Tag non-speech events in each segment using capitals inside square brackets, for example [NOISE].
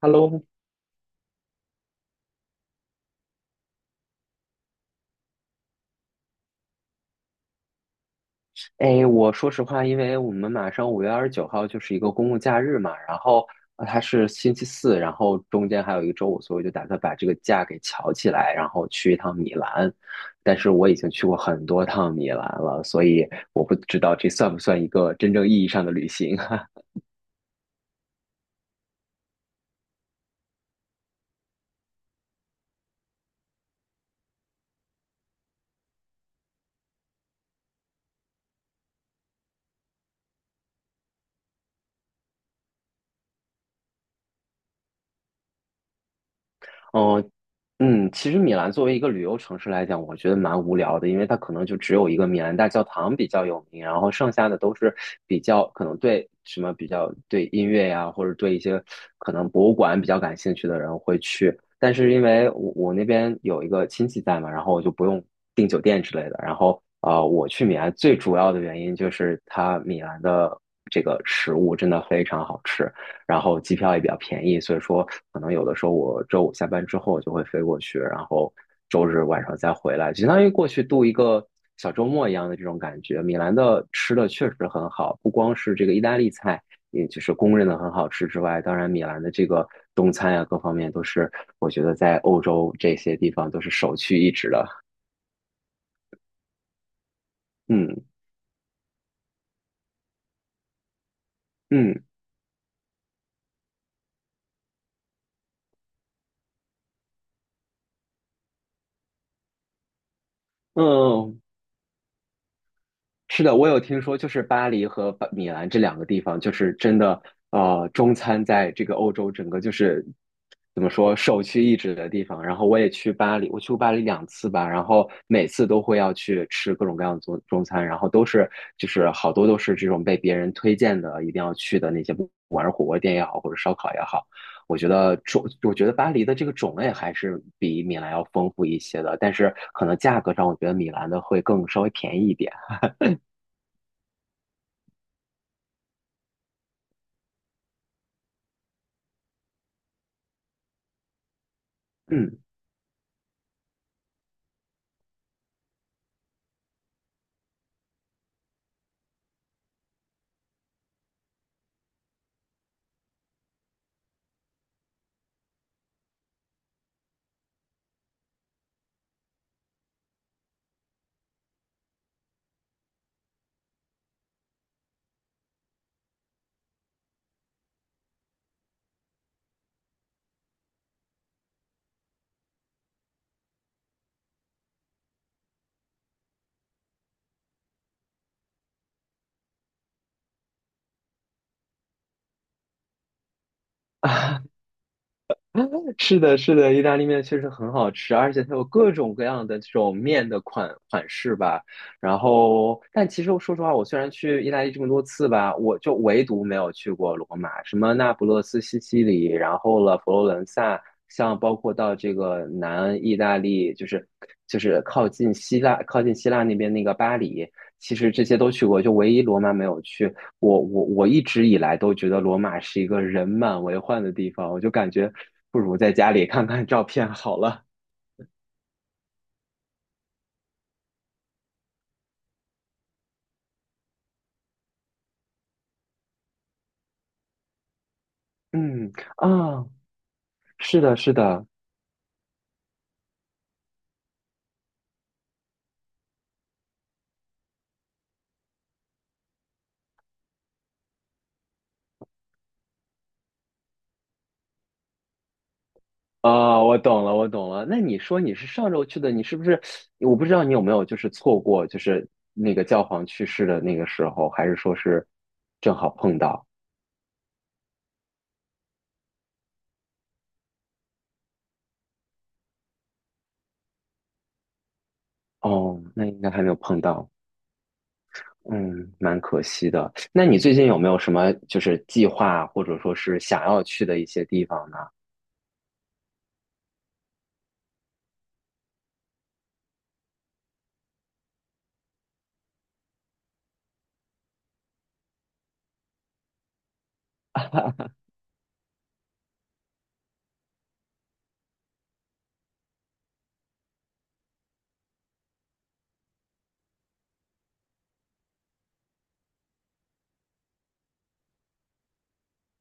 Hello，哎，我说实话，因为我们马上5月29号就是一个公共假日嘛，然后它是星期四，然后中间还有一个周五，所以我就打算把这个假给翘起来，然后去一趟米兰。但是我已经去过很多趟米兰了，所以我不知道这算不算一个真正意义上的旅行。[LAUGHS] 哦，嗯，其实米兰作为一个旅游城市来讲，我觉得蛮无聊的，因为它可能就只有一个米兰大教堂比较有名，然后剩下的都是比较可能对什么比较对音乐呀，或者对一些可能博物馆比较感兴趣的人会去。但是因为我那边有一个亲戚在嘛，然后我就不用订酒店之类的。然后我去米兰最主要的原因就是它米兰的这个食物真的非常好吃。然后机票也比较便宜，所以说可能有的时候我周五下班之后就会飞过去，然后周日晚上再回来，相当于过去度一个小周末一样的这种感觉。米兰的吃的确实很好，不光是这个意大利菜，也就是公认的很好吃之外，当然米兰的这个中餐呀、各方面都是我觉得在欧洲这些地方都是首屈一指的。嗯嗯。嗯，是的，我有听说，就是巴黎和米兰这两个地方，就是真的，中餐在这个欧洲整个就是怎么说首屈一指的地方。然后我也去巴黎，我去过巴黎两次吧，然后每次都会要去吃各种各样的中餐，然后都是就是好多都是这种被别人推荐的，一定要去的那些，不管是火锅店也好，或者烧烤也好，我觉得巴黎的这个种类还是比米兰要丰富一些的，但是可能价格上，我觉得米兰的会更稍微便宜一点，嗯。[LAUGHS] 啊，是的，是的，意大利面确实很好吃，而且它有各种各样的这种面的款式吧。然后，但其实我说实话，我虽然去意大利这么多次吧，我就唯独没有去过罗马，什么那不勒斯、西西里，然后了佛罗伦萨，像包括到这个南意大利，就是靠近希腊、那边那个巴黎，其实这些都去过，就唯一罗马没有去。我一直以来都觉得罗马是一个人满为患的地方，我就感觉不如在家里看看照片好了。嗯啊，是的，是的，啊，我懂了，我懂了。那你说你是上周去的，你是不是？我不知道你有没有就是错过，就是那个教皇去世的那个时候，还是说是正好碰到？哦，那应该还没有碰到，嗯，蛮可惜的。那你最近有没有什么就是计划，或者说是想要去的一些地方呢？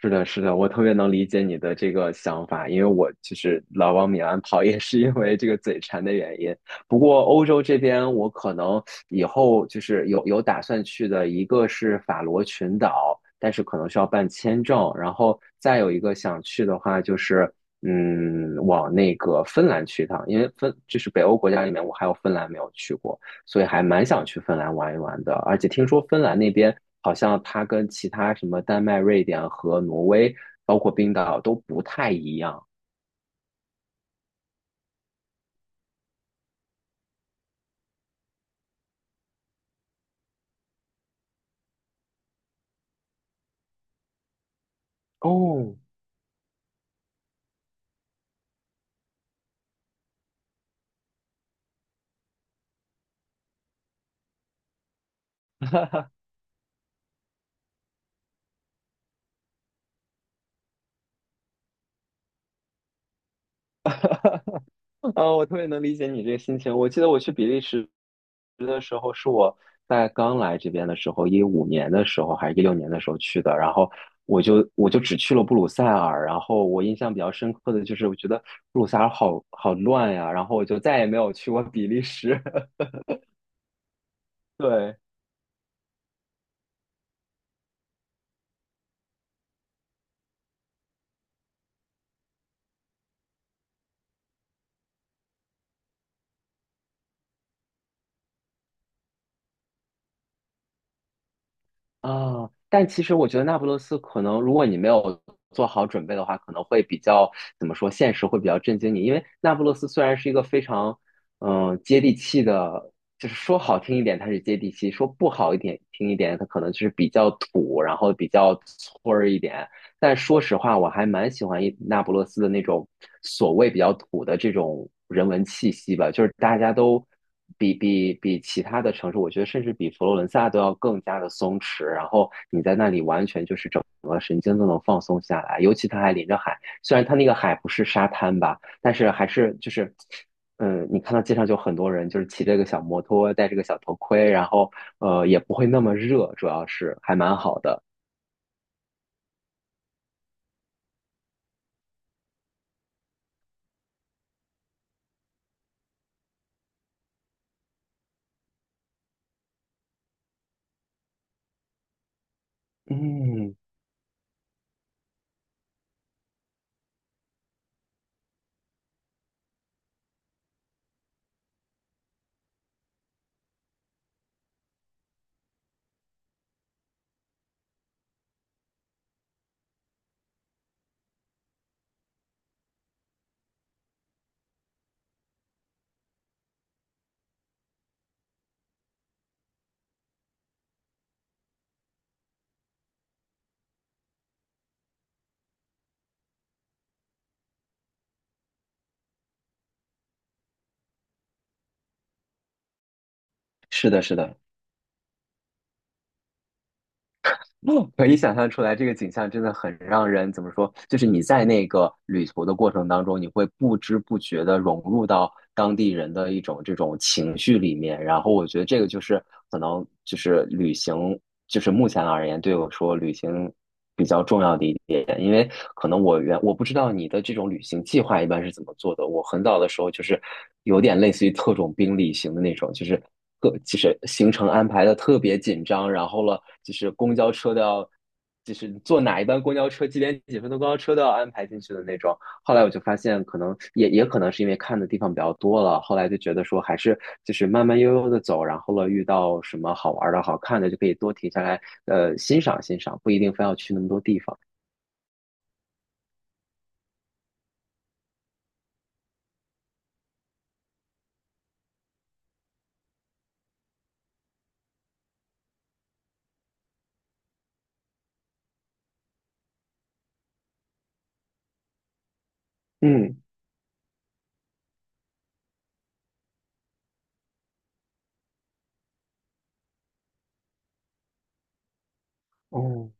是的，是的，我特别能理解你的这个想法，因为我其实老往米兰跑 [LAUGHS] 也是因为这个嘴馋的原因。不过欧洲这边，我可能以后就是有打算去的，一个是法罗群岛，但是可能需要办签证，然后再有一个想去的话就是，嗯，往那个芬兰去一趟，因为就是北欧国家里面，我还有芬兰没有去过。所以还蛮想去芬兰玩一玩的。而且听说芬兰那边好像它跟其他什么丹麦、瑞典和挪威，包括冰岛都不太一样。哦，啊，我特别能理解你这个心情。我记得我去比利时的时候，是我在刚来这边的时候，15年的时候还是16年的时候去的，然后。我就只去了布鲁塞尔，然后我印象比较深刻的就是，我觉得布鲁塞尔好好乱呀，然后我就再也没有去过比利时。[LAUGHS] 对，啊，但其实我觉得那不勒斯可能，如果你没有做好准备的话，可能会比较怎么说，现实会比较震惊你。因为那不勒斯虽然是一个非常接地气的，就是说好听一点它是接地气，说不好一点听一点，它可能就是比较土，然后比较村儿一点。但说实话，我还蛮喜欢那不勒斯的那种所谓比较土的这种人文气息吧，就是大家都比其他的城市，我觉得甚至比佛罗伦萨都要更加的松弛。然后你在那里完全就是整个神经都能放松下来，尤其它还临着海，虽然它那个海不是沙滩吧，但是还是就是。嗯，你看到街上就很多人，就是骑着个小摩托，戴这个小头盔，然后也不会那么热，主要是还蛮好的。嗯，是的，是的，[LAUGHS] 可以想象出来，这个景象真的很让人怎么说？就是你在那个旅途的过程当中，你会不知不觉的融入到当地人的一种这种情绪里面。然后我觉得这个就是可能就是旅行，就是目前而言对我说旅行比较重要的一点，因为可能我不知道你的这种旅行计划一般是怎么做的。我很早的时候就是有点类似于特种兵旅行的那种，就是就是行程安排的特别紧张，然后了就是公交车都要，就是坐哪一班公交车几点几分的公交车都要安排进去的那种。后来我就发现，可能也可能是因为看的地方比较多了，后来就觉得说还是就是慢慢悠悠的走，然后了遇到什么好玩的、好看的，就可以多停下来，欣赏欣赏，不一定非要去那么多地方。嗯，哦，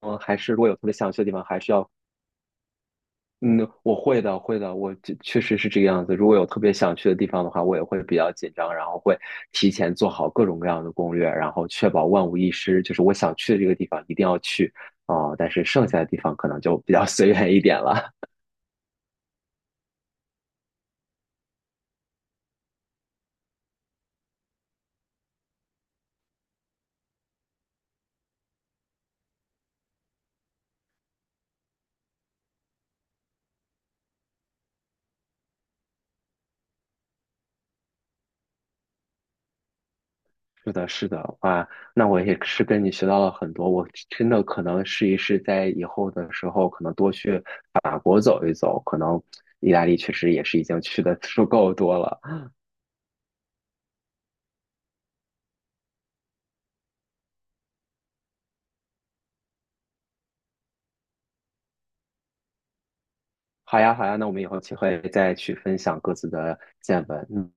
嗯，还是如果有特别想去的地方，还是要嗯，我会的，会的，我这确实是这个样子。如果有特别想去的地方的话，我也会比较紧张，然后会提前做好各种各样的攻略，然后确保万无一失。就是我想去的这个地方一定要去哦，但是剩下的地方可能就比较 [LAUGHS] 随缘一点了。[LAUGHS] 是的，是的，哇，那我也是跟你学到了很多。我真的可能试一试，在以后的时候可能多去法国走一走，可能意大利确实也是已经去的足够多了。好呀，好呀，那我们以后有机会再去分享各自的见闻。嗯